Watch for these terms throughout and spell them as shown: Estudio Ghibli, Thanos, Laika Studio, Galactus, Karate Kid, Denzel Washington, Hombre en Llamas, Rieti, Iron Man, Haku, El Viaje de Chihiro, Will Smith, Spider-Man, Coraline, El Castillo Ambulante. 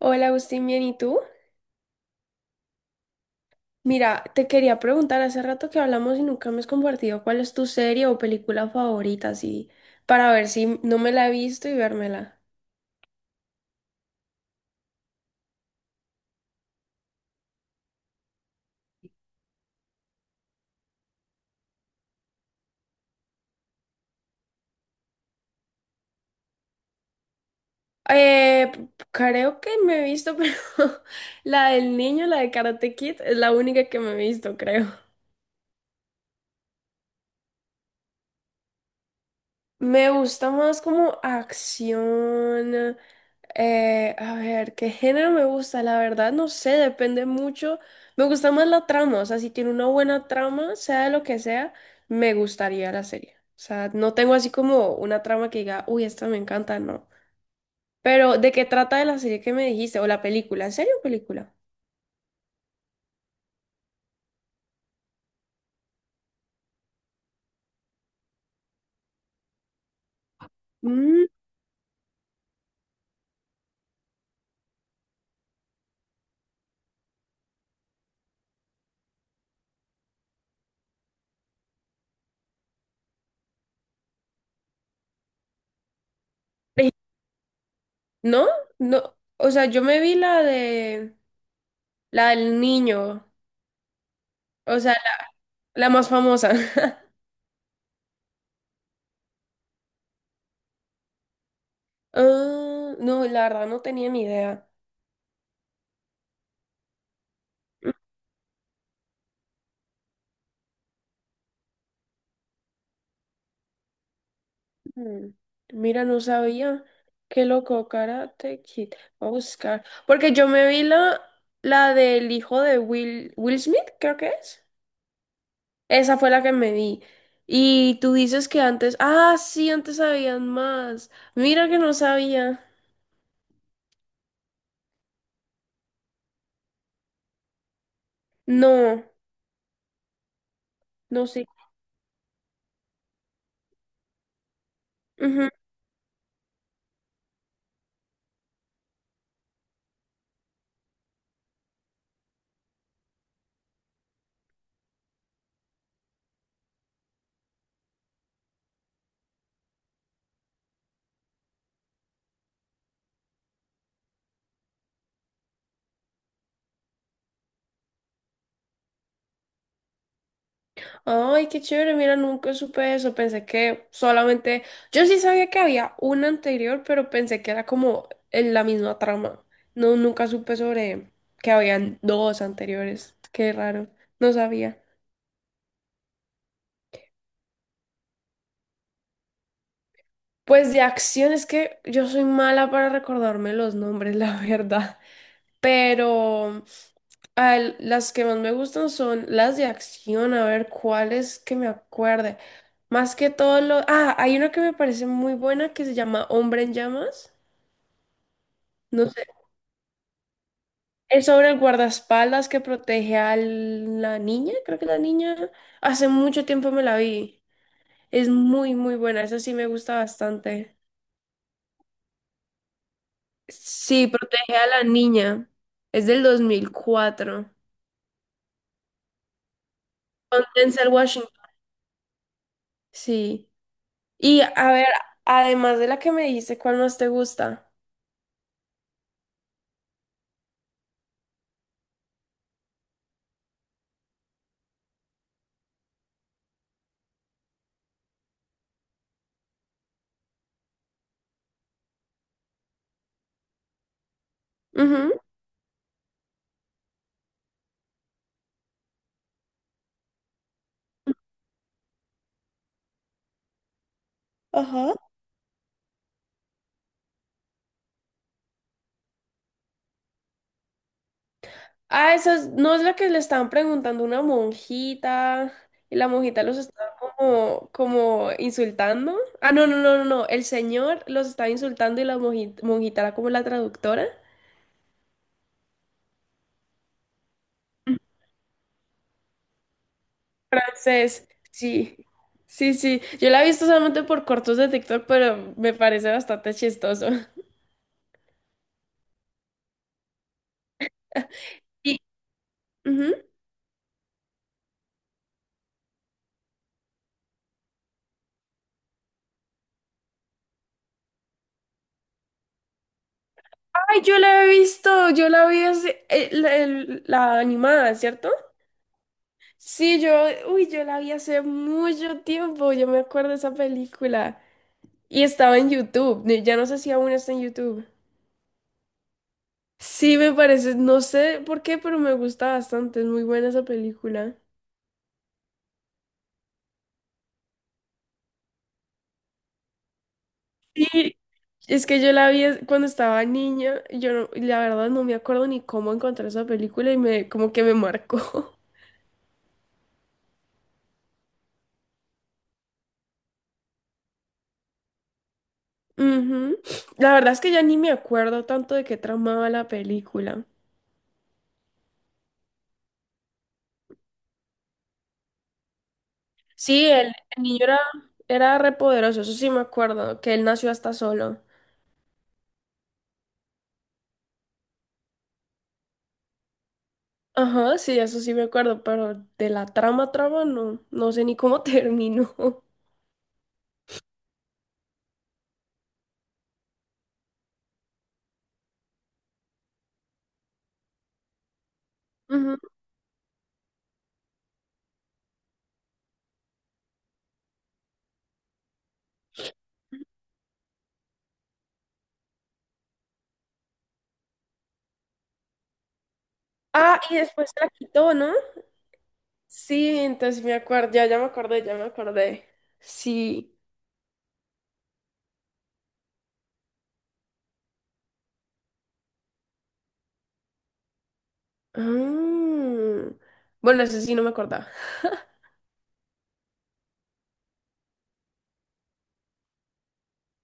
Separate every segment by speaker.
Speaker 1: Hola Agustín, bien, ¿y tú? Mira, te quería preguntar, hace rato que hablamos y nunca me has compartido cuál es tu serie o película favorita, así, para ver si no me la he visto y vérmela. Creo que me he visto, pero la del niño, la de Karate Kid, es la única que me he visto, creo. Me gusta más como acción. A ver, ¿qué género me gusta? La verdad, no sé, depende mucho. Me gusta más la trama, o sea, si tiene una buena trama, sea de lo que sea, me gustaría la serie. O sea, no tengo así como una trama que diga, uy, esta me encanta, no. Pero, ¿de qué trata de la serie que me dijiste? O la película, ¿en serio película? Mm, eh, ¿No? No, o sea, yo me vi la del niño, o sea, la más famosa. Ah, no, la verdad no tenía ni idea. Ujú. Mira, no sabía. Qué loco, Karate Kid. Voy a buscar. Porque yo me vi la del hijo de Will Smith, creo que es. Esa fue la que me vi. Y tú dices que antes. Ah, sí, antes sabían más. Mira que no sabía. No, no sé. Ay, qué chévere, mira, nunca supe eso, pensé que solamente, yo sí sabía que había una anterior, pero pensé que era como en la misma trama. No, nunca supe sobre que habían dos anteriores, qué raro, no sabía. Pues de acción es que yo soy mala para recordarme los nombres, la verdad. Pero las que más me gustan son las de acción, a ver cuáles que me acuerde. Más que todo lo… Ah, hay una que me parece muy buena que se llama Hombre en Llamas. No sé. Es sobre el guardaespaldas que protege a la niña, creo que la niña. Hace mucho tiempo me la vi. Es muy, muy buena. Esa sí me gusta bastante. Sí, protege a la niña. Es del 2004. Con Denzel Washington. Sí. Y a ver, además de la que me dijiste, ¿cuál más te gusta? Ujú. Ajá. Ah, no es la que le estaban preguntando a una monjita y la monjita los estaba como insultando. Ah, no, no, no, no, no. El señor los estaba insultando y la monjita, era como la traductora. Entonces, sí, sí, sí. Yo la he visto solamente por cortos de TikTok, pero me parece bastante chistoso. Sí. Ay, yo la he visto, yo la vi la animada, ¿cierto? Sí, uy, yo la vi hace mucho tiempo, yo me acuerdo de esa película. Y estaba en YouTube, ya no sé si aún está en YouTube. Sí, me parece, no sé por qué, pero me gusta bastante, es muy buena esa película. Sí, es que yo la vi cuando estaba niña, yo no- la verdad no me acuerdo ni cómo encontré esa película y como que me marcó. Ujú. La verdad es que ya ni me acuerdo tanto de qué tramaba la película. Sí, el niño era re poderoso, eso sí me acuerdo, que él nació hasta solo. Ajá, sí, eso sí me acuerdo, pero de la trama, trama, no, no sé ni cómo terminó. Ujú. Ah, y después se la quitó, ¿no? Sí, entonces me acuerdo, ya, ya me acordé, ya me acordé. Sí. Ah. Bueno, eso sí no me acordaba.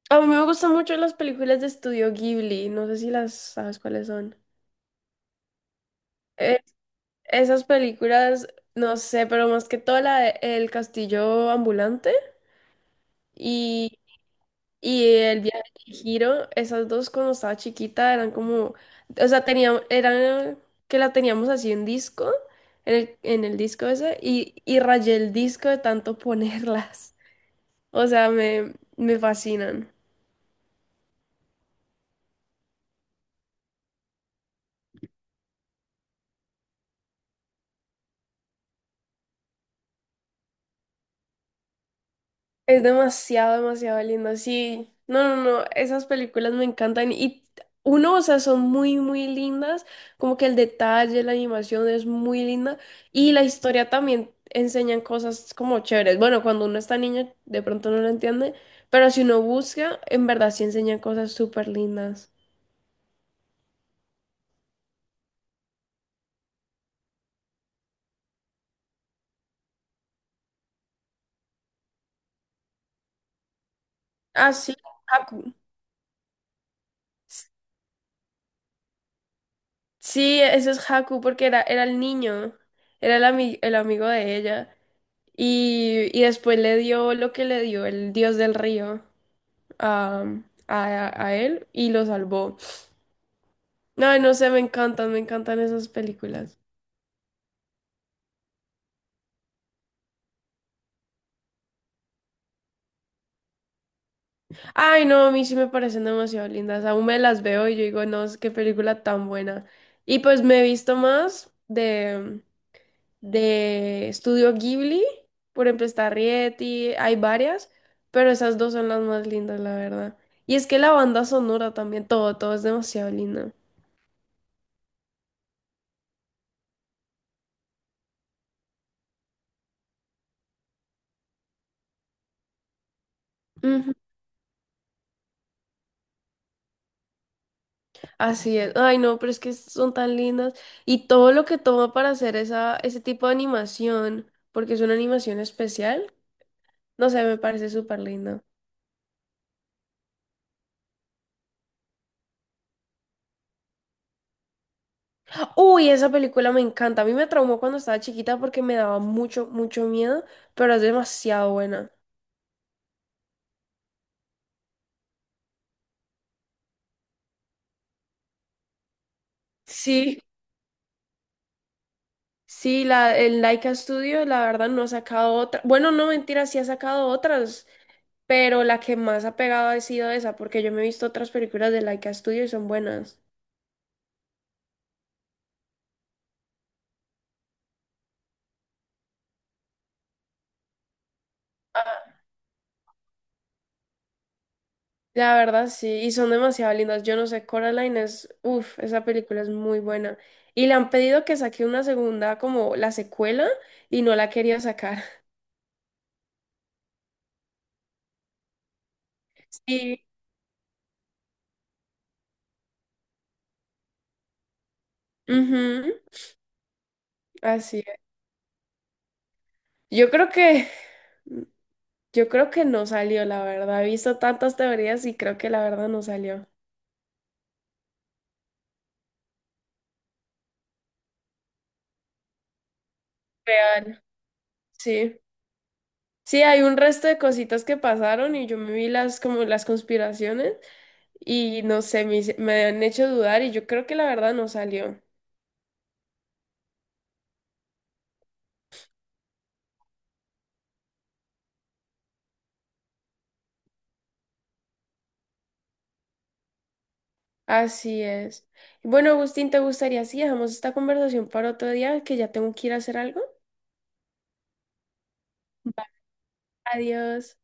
Speaker 1: A mí me gustan mucho las películas de Estudio Ghibli, no sé si las sabes cuáles son. Eh, esas películas, no sé, pero más que todo la de El Castillo Ambulante y, y El Viaje de Chihiro, esas dos cuando estaba chiquita eran como, o sea, teníamos, eran que la teníamos así en disco, en el disco ese, y rayé el disco de tanto ponerlas. O sea, me fascinan. Es demasiado, demasiado lindo. Sí, no, no, no, esas películas me encantan y uno, o sea, son muy, muy lindas, como que el detalle, la animación es muy linda y la historia también enseñan cosas como chéveres. Bueno, cuando uno está niño de pronto no lo entiende, pero si uno busca, en verdad sí enseñan cosas súper lindas. Ah, sí, Haku. S- Sí, eso es Haku porque era el niño, el amigo de ella. Y después le dio lo que le dio el dios del río a, a él y lo salvó. Ay, no sé, me encantan esas películas. Ay, no, a mí sí me parecen demasiado lindas. Aún me las veo y yo digo, no, es qué película tan buena. Y pues me he visto más de Estudio Ghibli, por ejemplo, está Rieti, hay varias, pero esas dos son las más lindas, la verdad. Y es que la banda sonora también, todo, todo es demasiado lindo. Así es. Ay, no, pero es que son tan lindas. Y todo lo que toma para hacer ese tipo de animación, porque es una animación especial, no sé, me parece súper lindo. Uy, esa película me encanta. A mí me traumó cuando estaba chiquita porque me daba mucho, mucho miedo, pero es demasiado buena. Sí. Sí, el Laika Studio, la verdad, no ha sacado otra. Bueno, no, mentira, sí ha sacado otras, pero la que más ha pegado ha sido esa, porque yo me he visto otras películas de Laika Studio y son buenas. La verdad, sí, y son demasiado lindas. Yo no sé, Coraline es, uff, esa película es muy buena. Y le han pedido que saque una segunda, como la secuela, y no la quería sacar. Sí. Ujú, así es. Yo creo que, yo creo que no salió, la verdad. He visto tantas teorías y creo que la verdad no salió. Real. Sí. Sí, hay un resto de cositas que pasaron y yo me vi como las conspiraciones y no sé, me han hecho dudar y yo creo que la verdad no salió. Así es. Bueno, Agustín, ¿te gustaría si dejamos esta conversación para otro día? Que ya tengo que ir a hacer algo. Adiós.